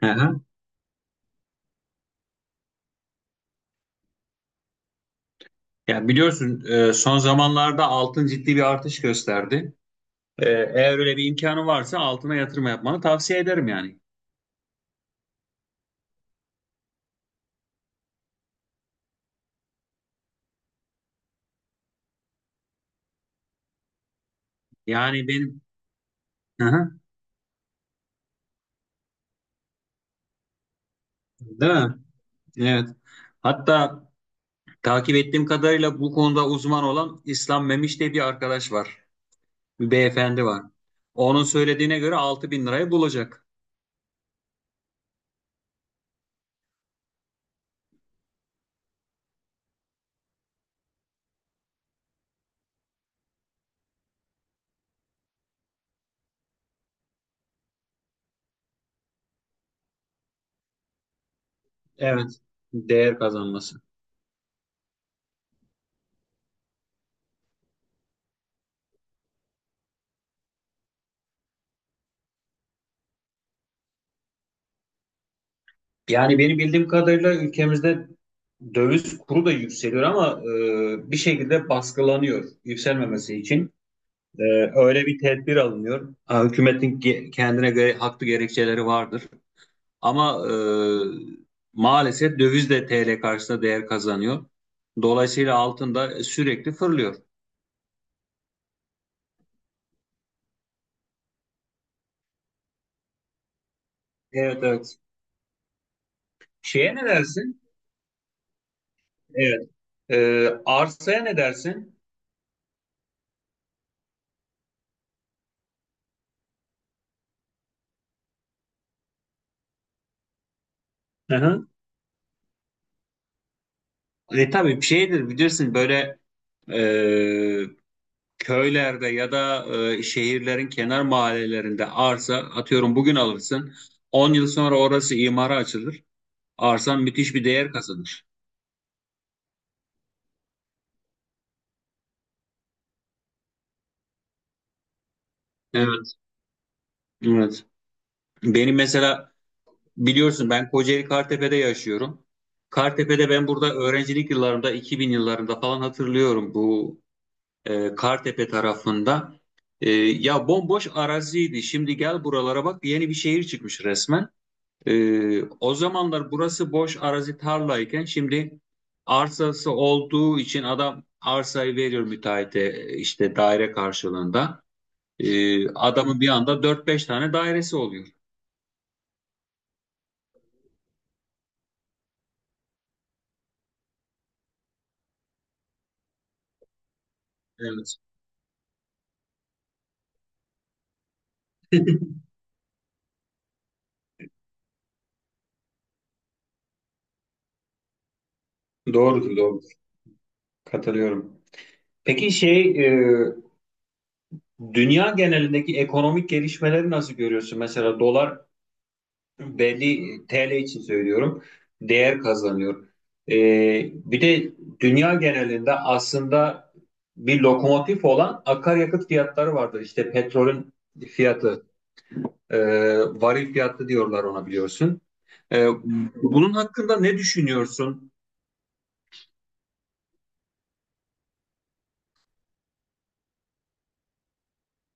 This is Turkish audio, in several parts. Hı hı. Yani biliyorsun son zamanlarda altın ciddi bir artış gösterdi. Eğer öyle bir imkanı varsa altına yatırım yapmanı tavsiye ederim yani. Yani benim. Hı hı. Değil mi? Evet. Hatta takip ettiğim kadarıyla bu konuda uzman olan İslam Memiş diye bir arkadaş var. Bir beyefendi var. Onun söylediğine göre 6.000 lirayı bulacak. Evet. Değer kazanması. Yani benim bildiğim kadarıyla ülkemizde döviz kuru da yükseliyor ama bir şekilde baskılanıyor yükselmemesi için. E, Öyle bir tedbir alınıyor. Ha, hükümetin kendine göre haklı gerekçeleri vardır. Ama maalesef döviz de TL karşısında değer kazanıyor. Dolayısıyla altın da sürekli fırlıyor. Evet evet. Şeye ne dersin? Evet. Arsaya ne dersin? Hı hı. Tabii bir şeydir bilirsin böyle e, köylerde ya da şehirlerin kenar mahallelerinde arsa atıyorum bugün alırsın. 10 yıl sonra orası imara açılır. Arsan müthiş bir değer kazanır. Evet. Evet. Benim mesela biliyorsun ben Kocaeli Kartepe'de yaşıyorum. Kartepe'de ben burada öğrencilik yıllarımda 2000 yıllarında falan hatırlıyorum bu Kartepe tarafında. Ya bomboş araziydi. Şimdi gel buralara bak yeni bir şehir çıkmış resmen. O zamanlar burası boş arazi tarlayken şimdi arsası olduğu için adam arsayı veriyor müteahhite işte daire karşılığında. Adamın bir anda dört beş tane dairesi oluyor. Evet. Doğrudur, doğru. Katılıyorum. Peki şey, dünya genelindeki ekonomik gelişmeleri nasıl görüyorsun? Mesela dolar belli TL için söylüyorum değer kazanıyor. Bir de dünya genelinde aslında bir lokomotif olan akaryakıt fiyatları vardır. İşte petrolün fiyatı, e, varil fiyatı diyorlar ona biliyorsun. E, Bunun hakkında ne düşünüyorsun?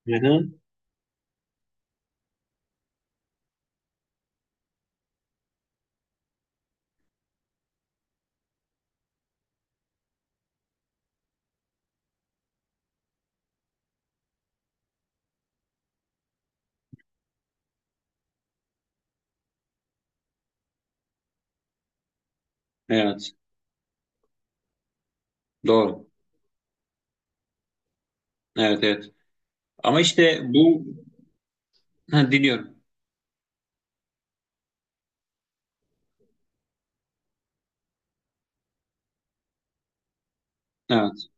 Hı hı. Evet, doğru. Evet, evet. Ama işte bu. Ha, dinliyorum. Evet.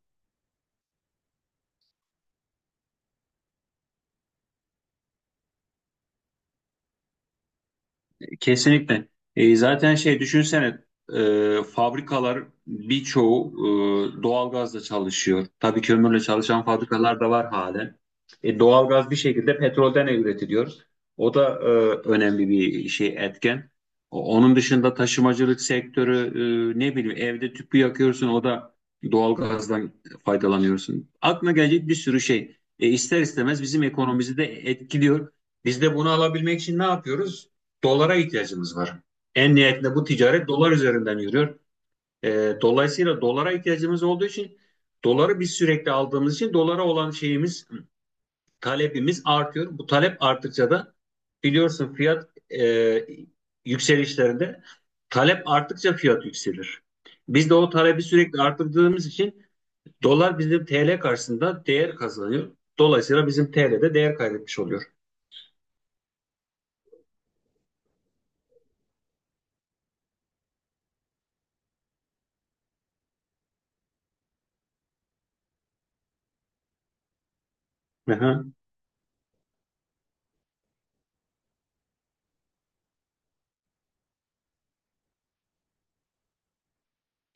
Kesinlikle. Zaten şey düşünsene fabrikalar birçoğu doğalgazla çalışıyor. Tabii kömürle çalışan fabrikalar da var halen. Doğalgaz bir şekilde petrolden üretiliyor. O da önemli bir şey etken. Onun dışında taşımacılık sektörü ne bileyim evde tüpü yakıyorsun o da doğalgazdan faydalanıyorsun. Aklına gelecek bir sürü şey. İster istemez bizim ekonomimizi de etkiliyor. Biz de bunu alabilmek için ne yapıyoruz? Dolara ihtiyacımız var. En nihayetinde bu ticaret dolar üzerinden yürüyor. Dolayısıyla dolara ihtiyacımız olduğu için doları biz sürekli aldığımız için dolara olan şeyimiz, talebimiz artıyor. Bu talep arttıkça da biliyorsun fiyat e, yükselişlerinde talep arttıkça fiyat yükselir. Biz de o talebi sürekli arttırdığımız için dolar bizim TL karşısında değer kazanıyor. Dolayısıyla bizim TL'de değer kaybetmiş oluyor. Aha,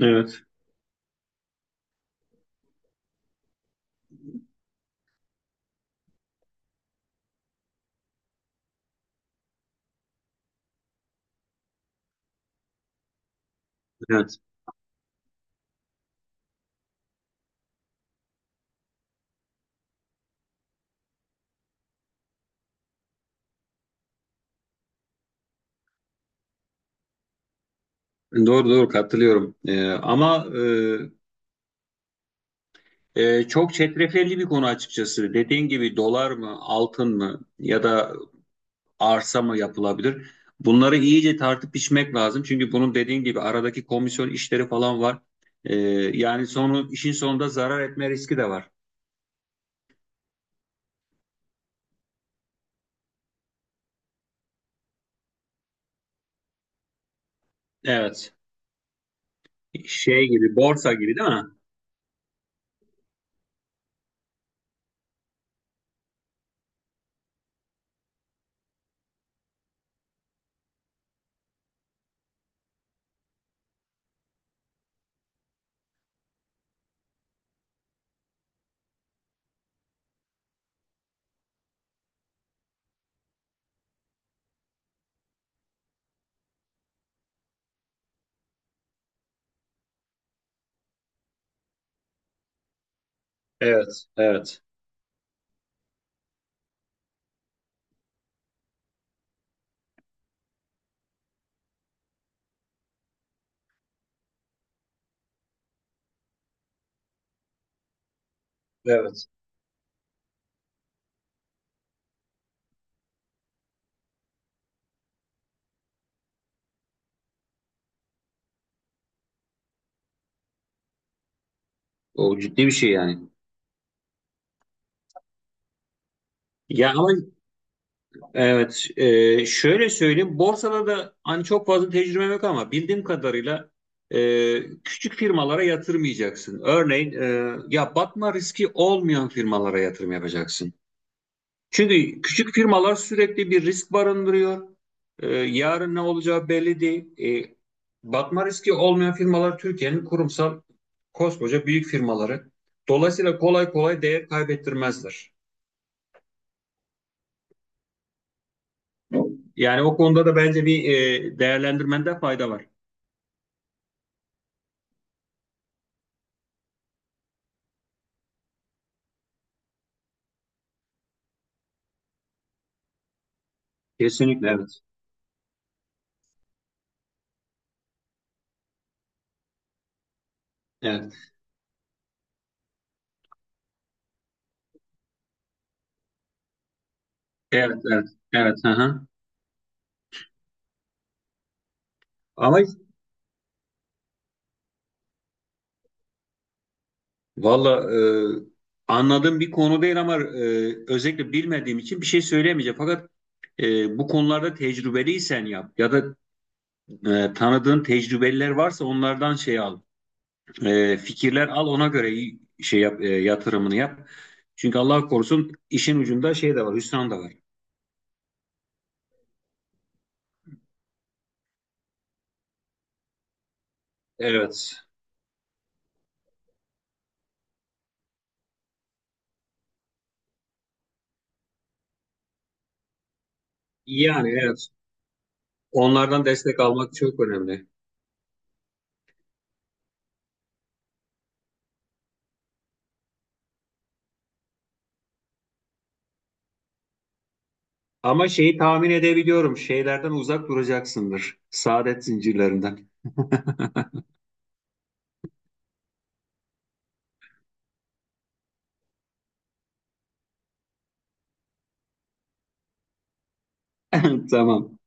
evet, evet. Doğru doğru katılıyorum. Ama çok çetrefilli bir konu açıkçası. Dediğin gibi dolar mı, altın mı ya da arsa mı yapılabilir? Bunları iyice tartıp biçmek lazım. Çünkü bunun dediğin gibi aradaki komisyon işleri falan var. Ee, Yani sonu işin sonunda zarar etme riski de var. Evet. Şey gibi, borsa gibi değil mi? Evet, evet. Evet. O ciddi bir şey yani. Ya ama Evet, şöyle söyleyeyim. Borsada da hani çok fazla tecrübem yok ama bildiğim kadarıyla e, küçük firmalara yatırmayacaksın. Örneğin ya batma riski olmayan firmalara yatırım yapacaksın. Çünkü küçük firmalar sürekli bir risk barındırıyor. Yarın ne olacağı belli değil. E, Batma riski olmayan firmalar Türkiye'nin kurumsal koskoca büyük firmaları. Dolayısıyla kolay kolay değer kaybettirmezler. Yani o konuda da bence bir değerlendirmende fayda var. Kesinlikle evet. Evet. Evet, evet, evet. Hı hı. Ama valla anladığım bir konu değil ama özellikle bilmediğim için bir şey söyleyemeyeceğim. Fakat bu konularda tecrübeliysen yap ya da tanıdığın tecrübeliler varsa onlardan şey al, fikirler al ona göre şey yap, yatırımını yap. Çünkü Allah korusun işin ucunda şey de var, hüsran da var. Evet. Yani evet. Onlardan destek almak çok önemli. Ama şeyi tahmin edebiliyorum. Şeylerden uzak duracaksındır. Saadet zincirlerinden. Tamam.